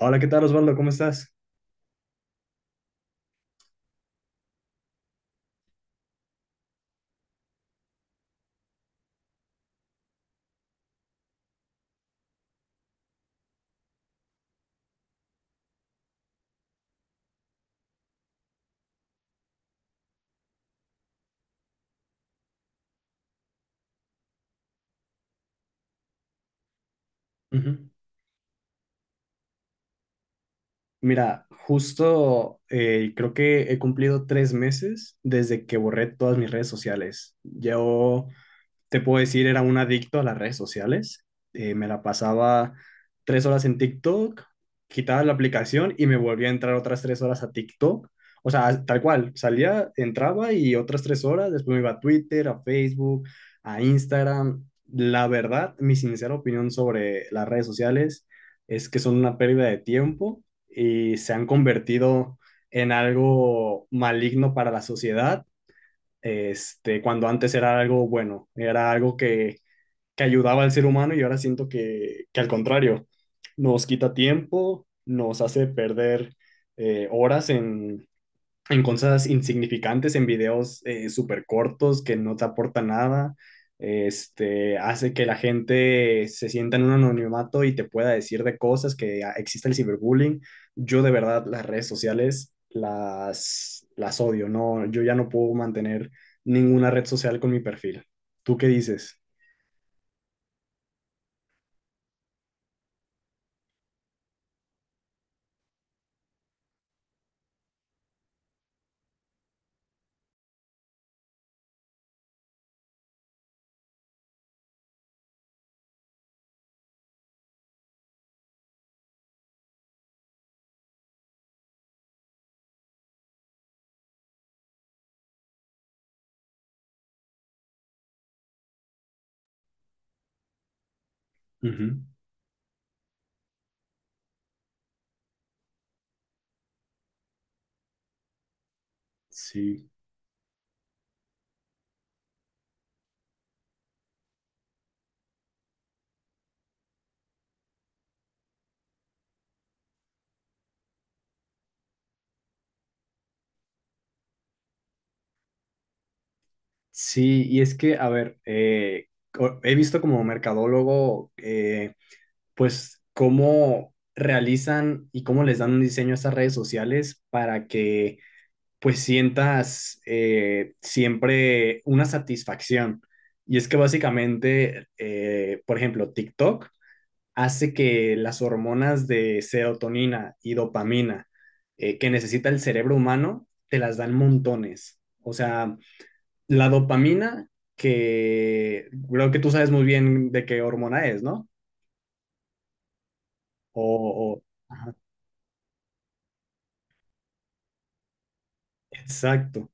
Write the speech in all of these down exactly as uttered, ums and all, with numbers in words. Hola, ¿qué tal Osvaldo? ¿Cómo estás? Ujú. Mira, justo eh, creo que he cumplido tres meses desde que borré todas mis redes sociales. Yo te puedo decir, era un adicto a las redes sociales. Eh, me la pasaba tres horas en TikTok, quitaba la aplicación y me volvía a entrar otras tres horas a TikTok. O sea, tal cual, salía, entraba y otras tres horas, después me iba a Twitter, a Facebook, a Instagram. La verdad, mi sincera opinión sobre las redes sociales es que son una pérdida de tiempo y se han convertido en algo maligno para la sociedad este, Cuando antes era algo bueno, era algo que, que ayudaba al ser humano, y ahora siento que, que al contrario, nos quita tiempo, nos hace perder eh, horas en, en cosas insignificantes, en videos eh, súper cortos que no te aportan nada. Este, hace que la gente se sienta en un anonimato y te pueda decir de cosas que ah, existe el ciberbullying. Yo de verdad las redes sociales las, las odio, no, yo ya no puedo mantener ninguna red social con mi perfil. ¿Tú qué dices? Ujú. Sí. Sí, y es que, a ver, eh, co- he visto como mercadólogo eh, pues cómo realizan y cómo les dan un diseño a estas redes sociales para que pues sientas eh, siempre una satisfacción. Y es que básicamente, eh, por ejemplo, TikTok hace que las hormonas de serotonina y dopamina eh, que necesita el cerebro humano te las dan montones. O sea, la dopamina que creo que tú sabes muy bien de qué hormona es, ¿no? O, o- exacto.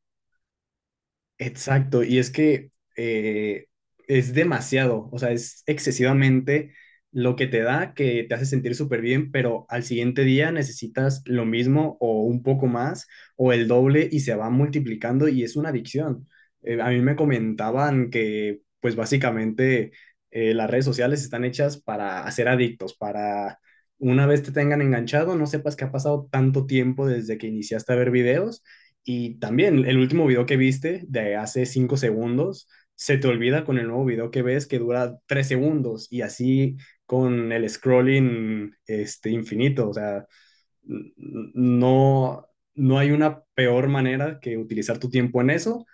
Exacto, y es que eh, es demasiado, o sea, es excesivamente lo que te da, que te hace sentir súper bien, pero al siguiente día necesitas lo mismo o un poco más o el doble y se va multiplicando y es una adicción. Eh, a mí me comentaban que pues básicamente eh, las redes sociales están hechas para hacer adictos, para una vez te tengan enganchado, no sepas que ha pasado tanto tiempo desde que iniciaste a ver videos, y también el último video que viste de hace cinco segundos, se te olvida con el nuevo video que ves que dura tres segundos, y así con el scrolling este, infinito. O sea, no, no hay una peor manera que utilizar tu tiempo en eso,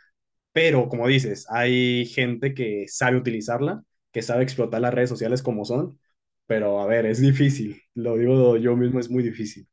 pero como dices, hay gente que sabe utilizarla, que sabe explotar las redes sociales como son, pero a ver, es difícil, lo digo yo mismo, es muy difícil.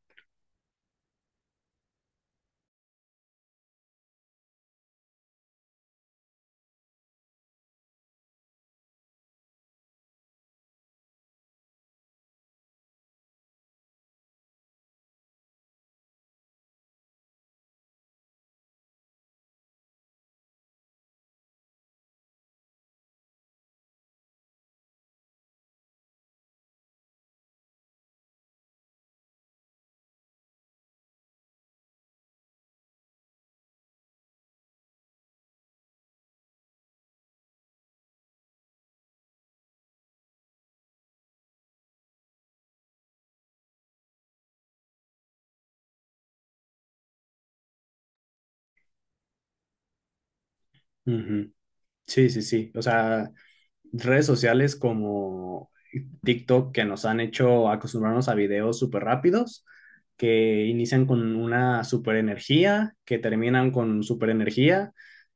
Ujú. Sí, sí, sí. O sea, redes sociales como TikTok que nos han hecho acostumbrarnos a videos súper rápidos, que inician con una super energía, que terminan con super energía.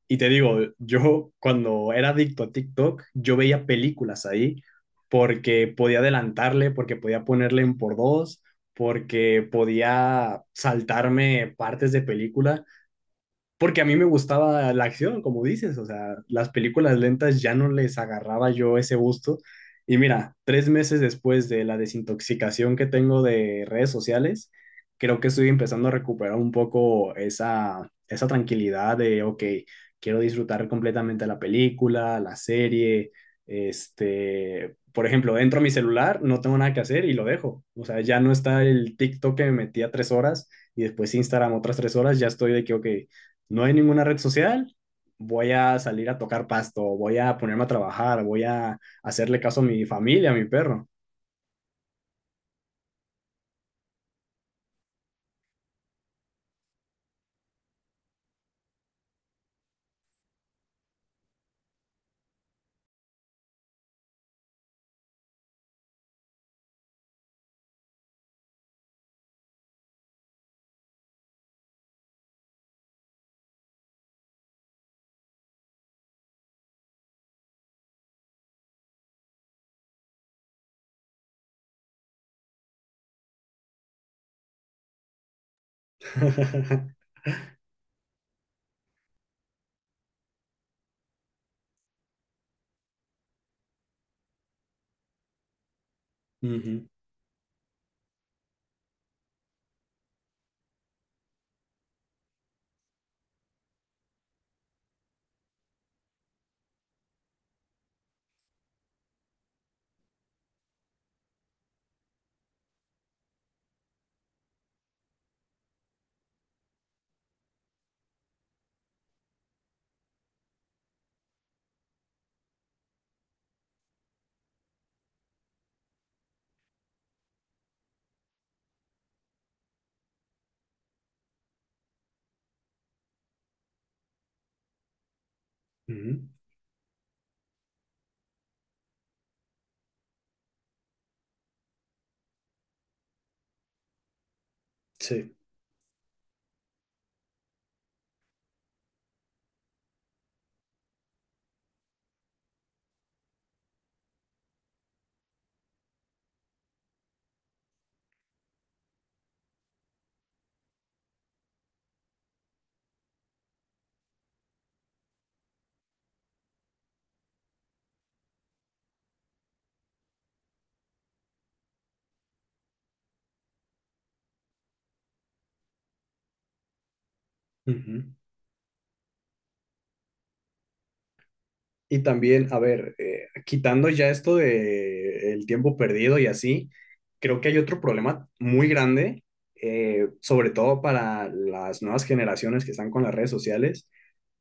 Y te digo, yo cuando era adicto a TikTok, yo veía películas ahí porque podía adelantarle, porque podía ponerle en por dos, porque podía saltarme partes de película porque a mí me gustaba la acción, como dices, o sea, las películas lentas ya no les agarraba yo ese gusto. Y mira, tres meses después de la desintoxicación que tengo de redes sociales, creo que estoy empezando a recuperar un poco esa, esa tranquilidad de, ok, quiero disfrutar completamente la película, la serie, este, por ejemplo, entro a mi celular, no tengo nada que hacer y lo dejo. O sea, ya no está el TikTok que me metía tres horas y después Instagram otras tres horas, ya estoy de que, ok, no hay ninguna red social, voy a salir a tocar pasto, voy a ponerme a trabajar, voy a hacerle caso a mi familia, a mi perro. Ujú, ujú, sí. Ujú. Y también, a ver, eh, quitando ya esto de el tiempo perdido y así, creo que hay otro problema muy grande, eh, sobre todo para las nuevas generaciones que están con las redes sociales,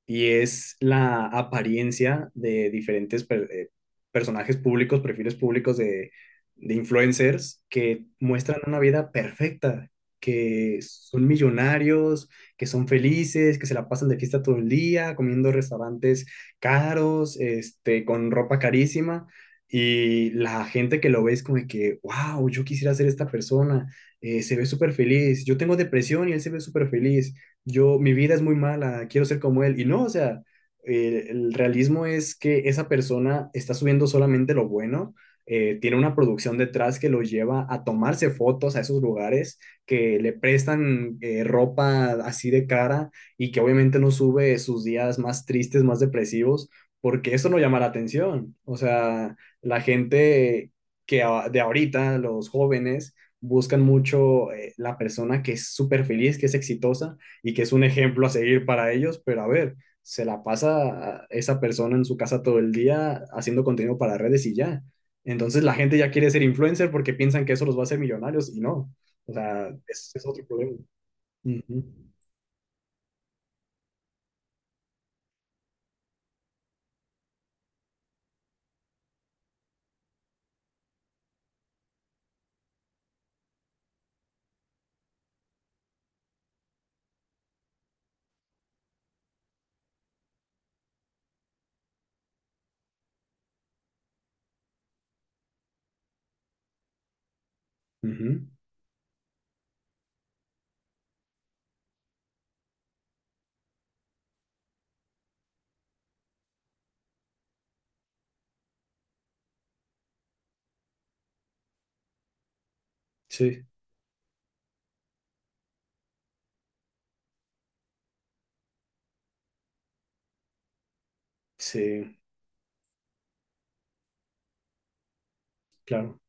y es la apariencia de diferentes per- eh, personajes públicos, perfiles públicos de, de influencers que muestran una vida perfecta, que son millonarios, que son felices, que se la pasan de fiesta todo el día, comiendo en restaurantes caros, este, con ropa carísima. Y la gente que lo ve es como de que, wow, yo quisiera ser esta persona, eh, se ve súper feliz, yo tengo depresión y él se ve súper feliz, yo, mi vida es muy mala, quiero ser como él. Y no, o sea, eh, el realismo es que esa persona está subiendo solamente lo bueno, eh, tiene una producción detrás que lo lleva a tomarse fotos a esos lugares, que le prestan eh, ropa así de cara, y que obviamente no sube sus días más tristes, más depresivos, porque eso no llama la atención. O sea, la gente que a- de ahorita, los jóvenes, buscan mucho eh, la persona que es súper feliz, que es exitosa, y que es un ejemplo a seguir para ellos, pero a ver, se la pasa esa persona en su casa todo el día haciendo contenido para redes y ya. Entonces la gente ya quiere ser influencer porque piensan que eso los va a hacer millonarios y no. O sea, es, es otro problema. Ujú, ujú. Sí, sí, claro,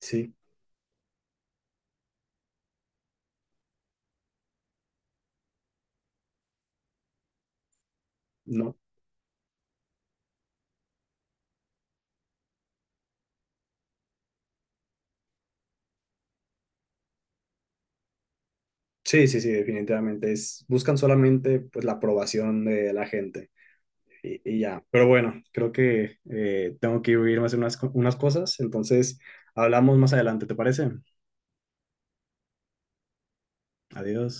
sí, no. Sí, sí, sí, definitivamente. Es, buscan solamente pues, la aprobación de la gente y, y ya. Pero bueno, creo que eh, tengo que irme a hacer unas, co- unas cosas, entonces hablamos más adelante, ¿te parece? Adiós.